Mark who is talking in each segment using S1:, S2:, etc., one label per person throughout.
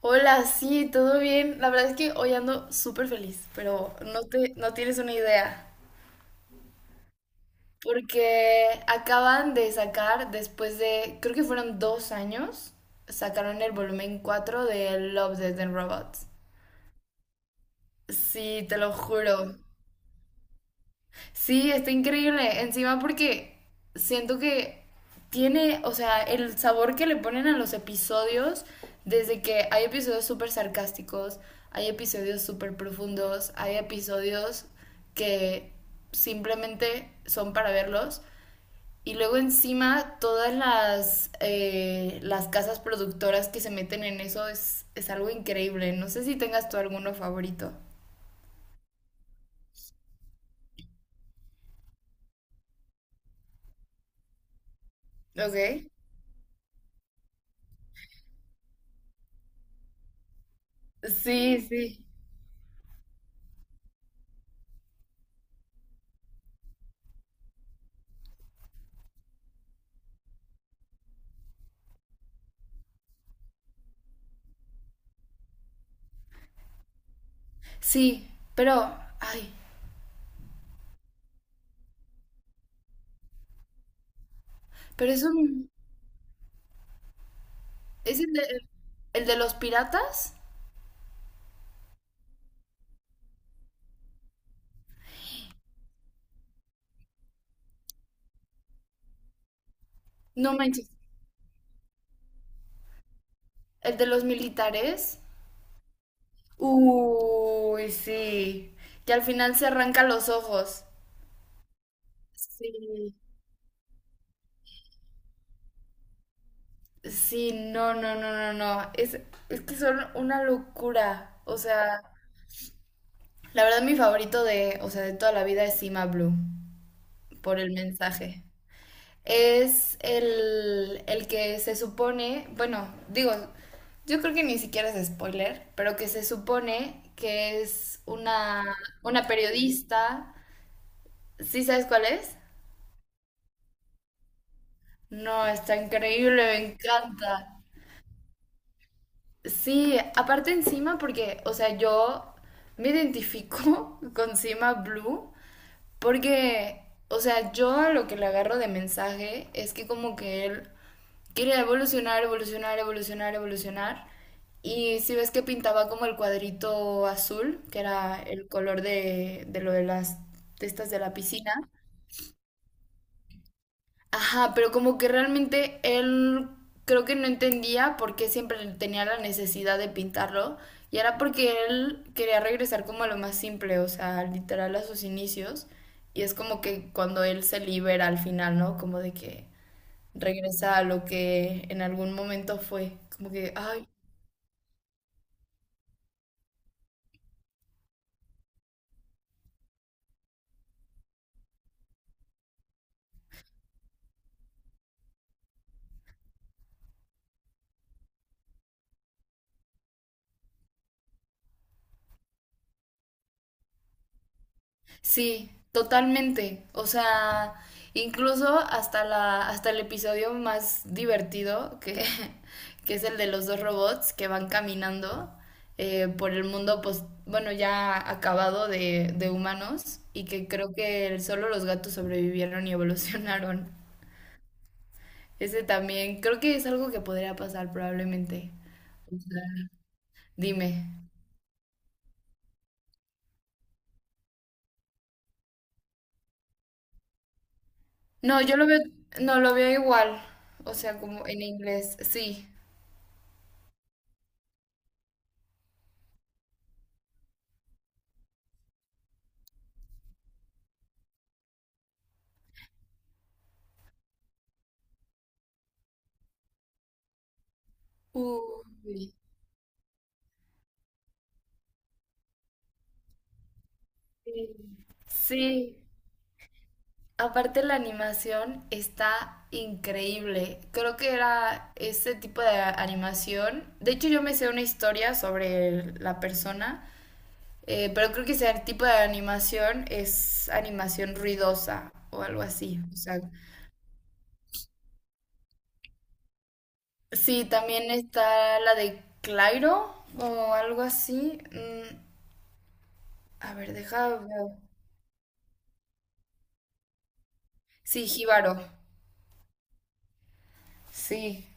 S1: Hola, sí, todo bien. La verdad es que hoy ando súper feliz, pero no tienes una idea. Porque acaban de sacar, después de, creo que fueron dos años, sacaron el volumen 4 de Love, Death and Robots. Sí, te lo juro. Sí, está increíble. Encima porque siento que tiene, o sea, el sabor que le ponen a los episodios, desde que hay episodios súper sarcásticos, hay episodios súper profundos, hay episodios que simplemente son para verlos. Y luego encima todas las casas productoras que se meten en eso es algo increíble. No sé si tengas tú alguno favorito. Ok. Sí, sí. Sí, pero, ay, pero es el de los piratas, no manches, el de los militares. Uy, sí, que al final se arranca los ojos. Sí, sí, no, no, no, no, no, es que son una locura. O sea, la verdad mi favorito de, o sea, de toda la vida es Cima Blue, por el mensaje. Es el que se supone, bueno, digo, yo creo que ni siquiera es spoiler, pero que se supone que una periodista. ¿Sí sabes cuál es? No, está increíble, me encanta. Sí, aparte encima porque, o sea, yo me identifico con Cima Blue porque, o sea, yo a lo que le agarro de mensaje es que como que él quería evolucionar, evolucionar, evolucionar, evolucionar. Y si ves que pintaba como el cuadrito azul, que era el color de lo de las testas de la piscina. Ajá, pero como que realmente él creo que no entendía por qué siempre tenía la necesidad de pintarlo. Y era porque él quería regresar como a lo más simple, o sea, literal a sus inicios. Y es como que cuando él se libera al final, ¿no? Como de que regresar a lo que en algún momento fue. Como que, ay, sí, totalmente. O sea, incluso hasta el episodio más divertido, que, que es el de los dos robots que van caminando por el mundo, pues, bueno, ya acabado de humanos, y que creo que solo los gatos sobrevivieron y evolucionaron. Ese también, creo que es algo que podría pasar probablemente. Dime. No, yo lo veo, no lo veo igual, o sea, como en inglés, sí. Uy, sí. Sí. Aparte la animación está increíble. Creo que era ese tipo de animación. De hecho, yo me sé una historia sobre la persona, pero creo que ese tipo de animación es animación ruidosa o algo así. O sea, sí, también está la de Clairo o algo así. A ver, deja ver. Sí, Jíbaro. Sí.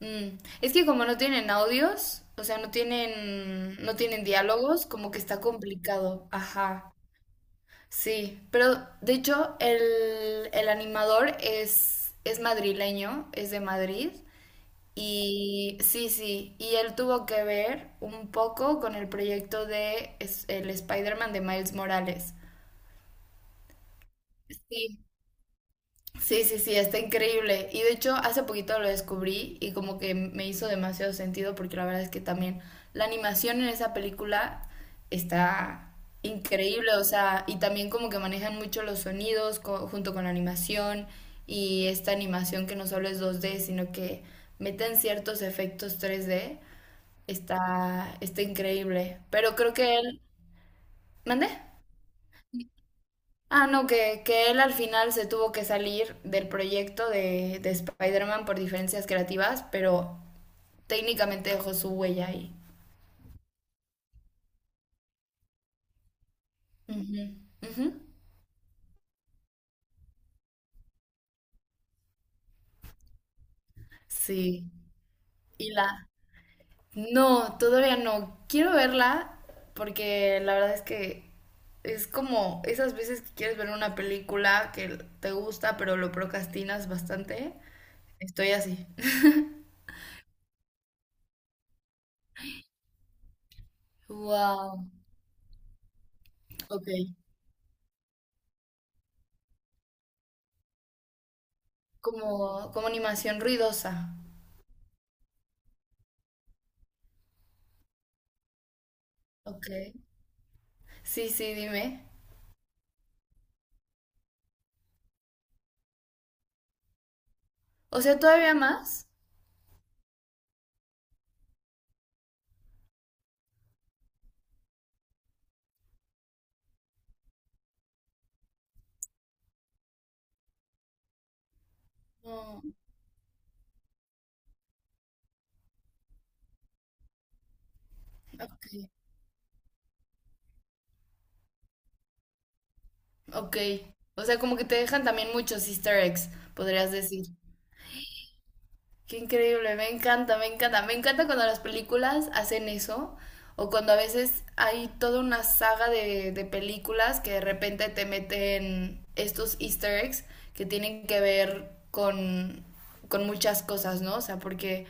S1: Es que como no tienen audios, o sea, no tienen diálogos, como que está complicado. Ajá. Sí. Pero de hecho, el animador es madrileño, es de Madrid. Y sí, sí. Y él tuvo que ver un poco con el proyecto de es- el Spider-Man de Miles Morales. Sí. Sí, sí, sí, está increíble. Y de hecho, hace poquito lo descubrí y como que me hizo demasiado sentido porque la verdad es que también la animación en esa película está increíble, o sea, y también como que manejan mucho los sonidos co- junto con la animación y esta animación que no solo es 2D, sino que meten ciertos efectos 3D, está, está increíble. Pero creo que él... ¿Mandé? Ah, no, que él al final se tuvo que salir del proyecto de Spider-Man por diferencias creativas, pero técnicamente dejó su huella ahí. Ujú, ujú. Sí. Y la... No, todavía no. Quiero verla porque la verdad es que es como esas veces que quieres ver una película que te gusta, pero lo procrastinas bastante. Estoy así. Wow. Ok. Como, como animación ruidosa. Ok. Sí, sí, dime. O sea, ¿todavía más? No. Ok. Ok. O sea, como que te dejan también muchos easter eggs, podrías decir. Qué increíble, me encanta, me encanta. Me encanta cuando las películas hacen eso, o cuando a veces hay toda una saga de películas que de repente te meten estos easter eggs que tienen que ver con muchas cosas, ¿no? O sea, porque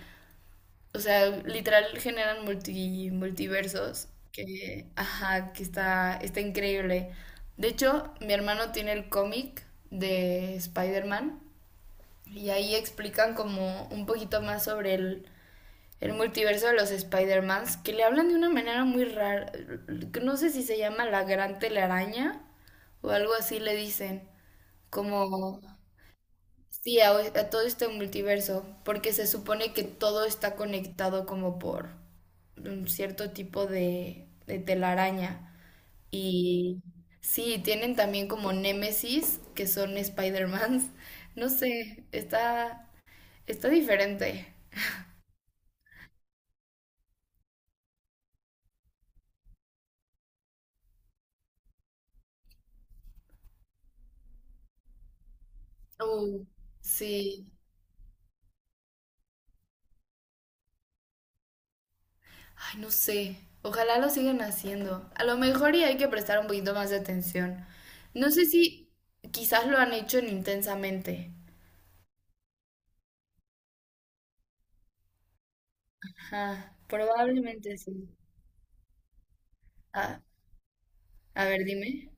S1: o sea, literal generan multi- multiversos que, ajá, que está, está increíble. De hecho, mi hermano tiene el cómic de Spider-Man y ahí explican como un poquito más sobre el multiverso de los Spider-Mans, que le hablan de una manera muy rara. No sé si se llama la gran telaraña o algo así le dicen. Como sí, a todo este multiverso, porque se supone que todo está conectado como por un cierto tipo de telaraña. Y sí, tienen también como némesis, que son Spider-Mans. No sé, está, está diferente. Uh, sí. Ay, no sé. Ojalá lo sigan haciendo. A lo mejor y hay que prestar un poquito más de atención. No sé si quizás lo han hecho en intensamente. Ajá, probablemente sí. Ah, a ver, dime.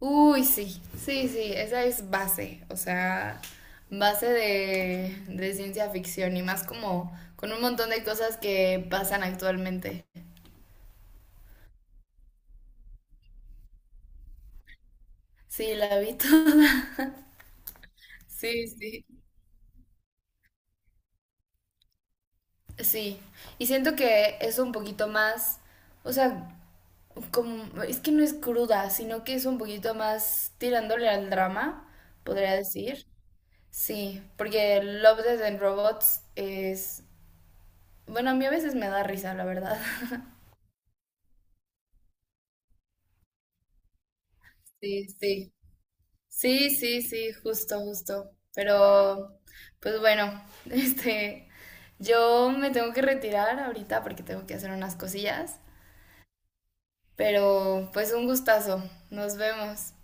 S1: Uy, sí, sí, sí, esa es base, o sea, base de ciencia ficción y más como con un montón de cosas que pasan actualmente. Sí, la vi toda. Sí, sí, sí. Y siento que es un poquito más, o sea, como, es que no es cruda, sino que es un poquito más tirándole al drama, podría decir. Sí, porque Love, Death and Robots es... Bueno, a mí a veces me da risa, la verdad. Sí, sí. Sí, sí, sí, justo, justo. Pero, pues bueno, este... Yo me tengo que retirar ahorita porque tengo que hacer unas cosillas. Pero, pues un gustazo. Nos vemos.